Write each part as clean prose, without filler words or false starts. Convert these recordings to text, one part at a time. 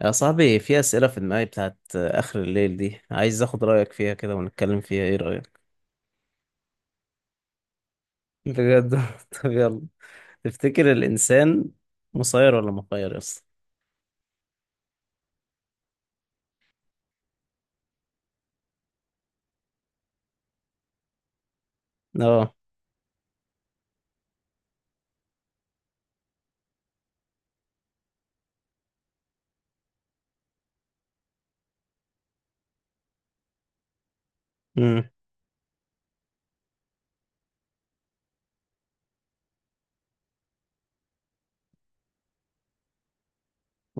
يا صاحبي، في أسئلة في دماغي بتاعت آخر الليل دي، عايز أخد رأيك فيها كده ونتكلم فيها. إيه رأيك؟ بجد؟ طب يلا. تفتكر الإنسان مسير ولا مخير يا اسطى؟ اه. امم.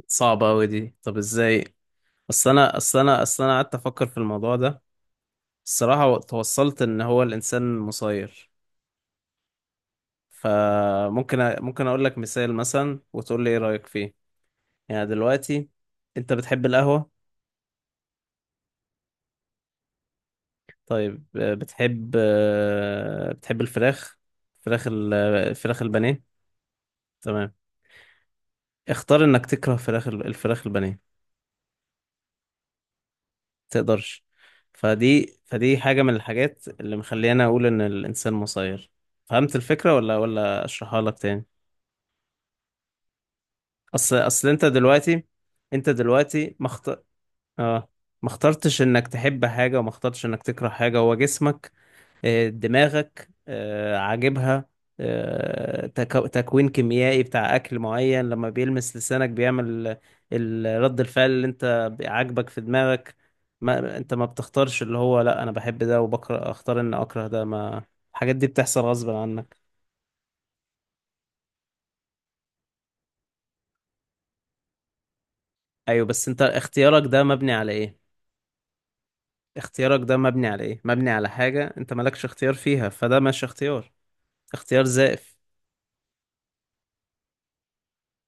صعبة أوي دي. طب إزاي؟ أصل أنا قعدت أفكر في الموضوع ده. الصراحة توصلت إن هو الإنسان مسير. فممكن ممكن أقول لك مثال مثلا، وتقول لي إيه رأيك فيه؟ يعني دلوقتي، أنت بتحب القهوة؟ طيب بتحب الفراخ؟ الفراخ البانيه. تمام. اختار انك تكره الفراخ البانيه. تقدرش. فدي حاجة من الحاجات اللي مخلينا اقول ان الانسان مسير. فهمت الفكرة ولا اشرحها لك تاني؟ اصل انت دلوقتي، انت دلوقتي ما مخت... اه. ما اخترتش انك تحب حاجة وما اخترتش انك تكره حاجة. هو جسمك، دماغك، عاجبها. تكوين كيميائي بتاع أكل معين لما بيلمس لسانك بيعمل رد الفعل اللي أنت عاجبك في دماغك. ما أنت ما بتختارش اللي هو لا أنا بحب ده وبكره، أختار إن أكره ده. ما الحاجات دي بتحصل غصب عنك. أيوه، بس أنت اختيارك ده مبني على إيه؟ اختيارك ده مبني على إيه؟ مبني على حاجة أنت مالكش اختيار فيها، فده مش اختيار. اختيار زائف.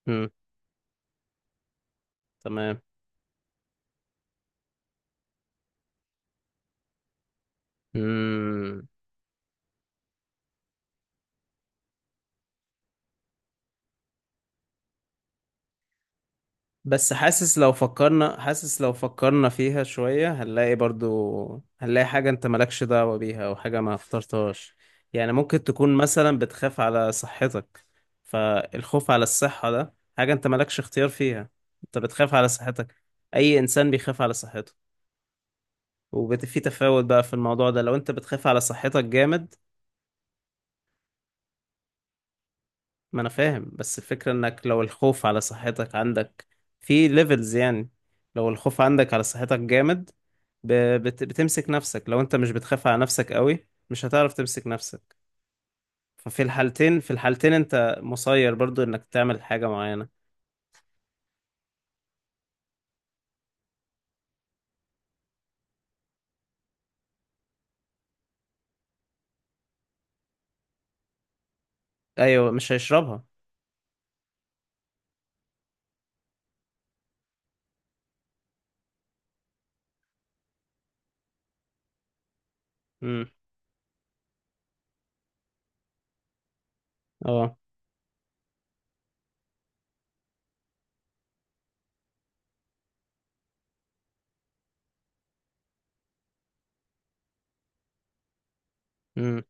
مم. تمام. مم. بس حاسس لو فكرنا فيها شوية، هنلاقي برضو، هنلاقي حاجة انت مالكش دعوة بيها او حاجة ما اخترتهاش. يعني ممكن تكون مثلا بتخاف على صحتك. فالخوف على الصحة ده حاجة انت مالكش اختيار فيها. انت بتخاف على صحتك، اي انسان بيخاف على صحته. وفي تفاوت بقى في الموضوع ده. لو انت بتخاف على صحتك جامد، ما انا فاهم، بس الفكرة انك لو الخوف على صحتك عندك في ليفلز يعني. لو الخوف عندك على صحتك جامد، ب- بتمسك نفسك. لو انت مش بتخاف على نفسك قوي، مش هتعرف تمسك نفسك. ففي الحالتين انت مسير برضو انك تعمل حاجة معينة. ايوه، مش هيشربها. امم. اه. امم.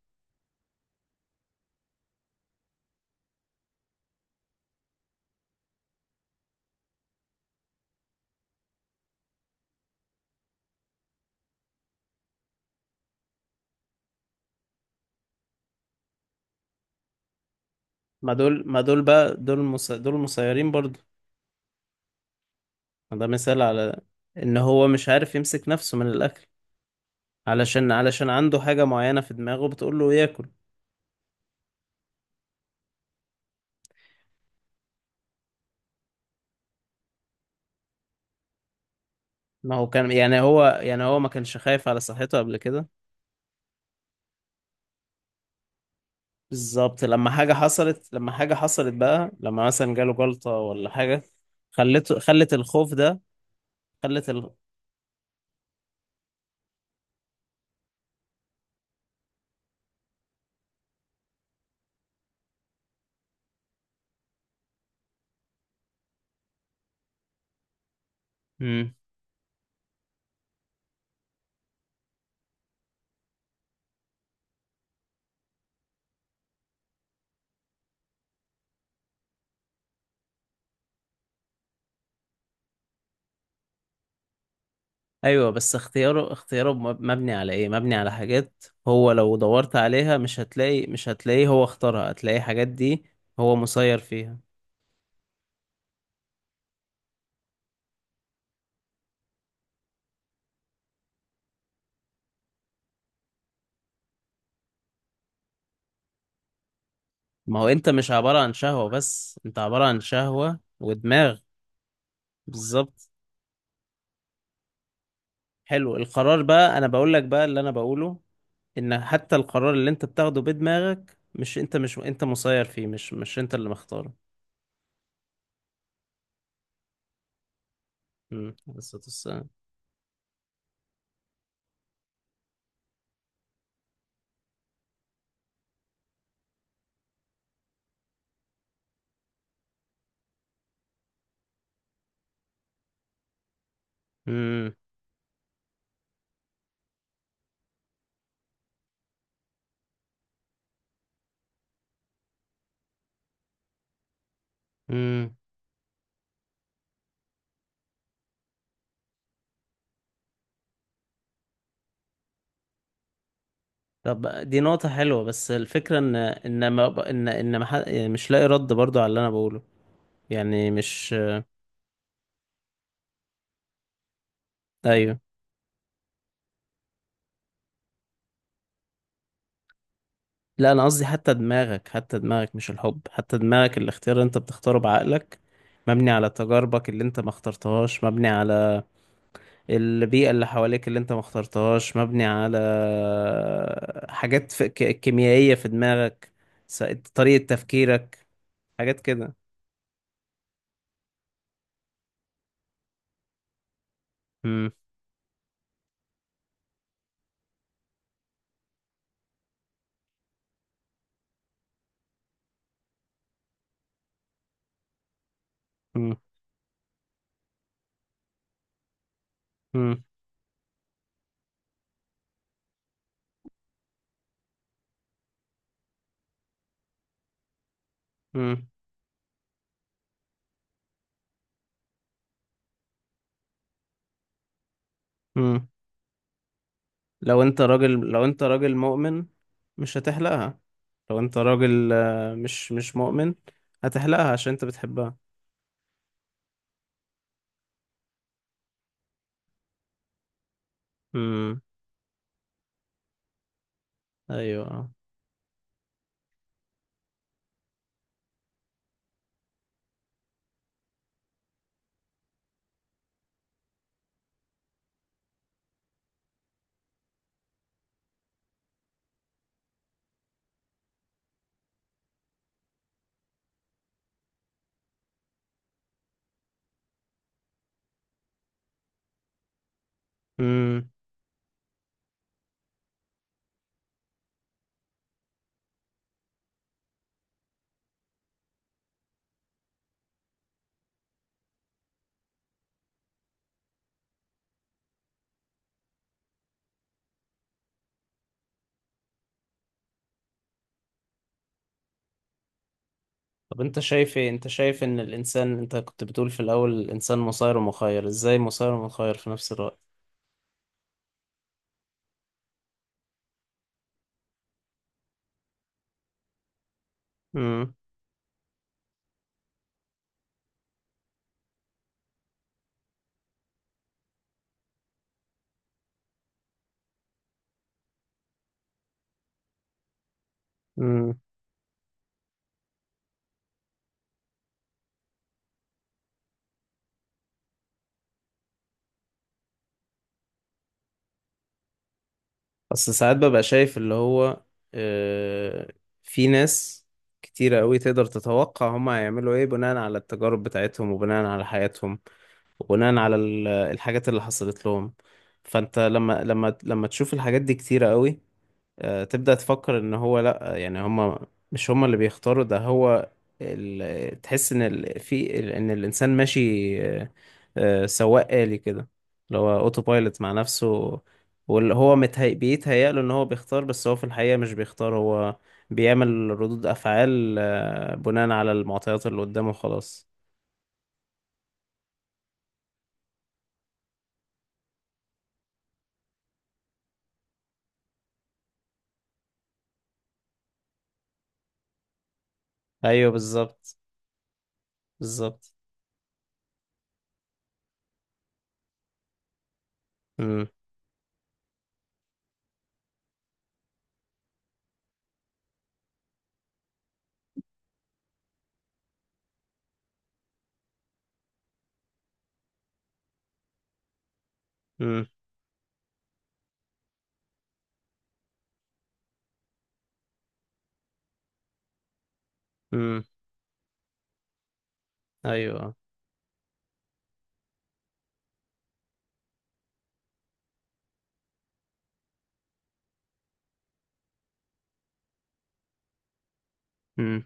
ما دول بقى، دول مسيرين برضو. ده مثال على ان هو مش عارف يمسك نفسه من الاكل، علشان عنده حاجة معينة في دماغه بتقول له ياكل. ما هو كان، يعني هو يعني هو ما كانش خايف على صحته قبل كده؟ بالظبط، لما حاجة حصلت، لما حاجة حصلت بقى، لما مثلا جاله جلطة ولا حاجة، خلت الخوف ده، خلت ال... مم. ايوه بس اختياره، مبني على ايه؟ مبني على حاجات هو لو دورت عليها مش هتلاقيه. هو اختارها، هتلاقي حاجات دي هو مسير فيها. ما هو انت مش عبارة عن شهوة بس، انت عبارة عن شهوة ودماغ. بالظبط. حلو، القرار بقى، انا بقول لك بقى اللي انا بقوله، ان حتى القرار اللي انت بتاخده بدماغك، مش انت مسير فيه، مش انت اللي مختاره. امم، عليه الصلاة والسلام. امم. امم. طب دي نقطة حلوة، بس الفكرة ان ان ما ب- ان ان ما ح- يعني مش لاقي رد برضو على اللي انا بقوله، يعني مش. ايوه. لا، انا قصدي حتى دماغك، حتى دماغك، مش الحب، حتى دماغك، الاختيار اللي انت بتختاره بعقلك مبني على تجاربك اللي انت ما اخترتهاش، مبني على البيئة اللي حواليك اللي انت ما اخترتهاش، مبني على حاجات في كيميائية في دماغك، س- طريقة تفكيرك، حاجات كده. مم. مم. مم. مم. مم. لو انت راجل مؤمن، مش هتحلقها. لو انت راجل مش مؤمن، هتحلقها عشان انت بتحبها. مم. ايوه. مم. طب انت شايف ايه، انت شايف ان الانسان، انت كنت بتقول في الاول الانسان مسير ومخير، ازاي مسير ومخير في نفس الوقت؟ مم. اصل ساعات ببقى شايف اللي هو، آه، في ناس كتيرة قوي تقدر تتوقع هما هيعملوا ايه بناء على التجارب بتاعتهم وبناء على حياتهم، وبناء على الحاجات اللي حصلت لهم. فانت لما، لما تشوف الحاجات دي كتيرة قوي، تبدأ تفكر ان هو لا، يعني هما مش هما اللي بيختاروا ده. هو تحس ان ان الانسان ماشي آه، سواق آلي كده، اللي هو اوتو بايلوت مع نفسه، واللي هو بيتهيأ له ان هو بيختار، بس هو في الحقيقة مش بيختار، هو بيعمل ردود افعال بناء على المعطيات اللي قدامه خلاص. ايوه، بالظبط. بالظبط. امم. امم. امم. ايوه. امم.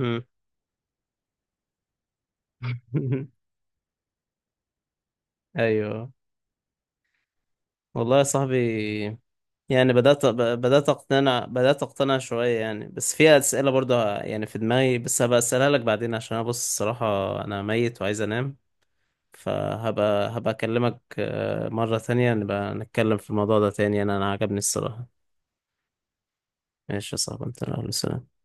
امم. ايوه. والله يا صاحبي، يعني بدأت، بدأت أقتنع، بدأت أقتنع شوية يعني، بس في أسئلة برضه يعني في دماغي، بس هبقى أسألها لك بعدين، عشان أنا بص الصراحة أنا ميت وعايز أنام. هبقى أكلمك مرة تانية، نبقى نتكلم في الموضوع ده تاني، أنا عجبني الصراحة. ماشي يا صاحبي، أنت السلام.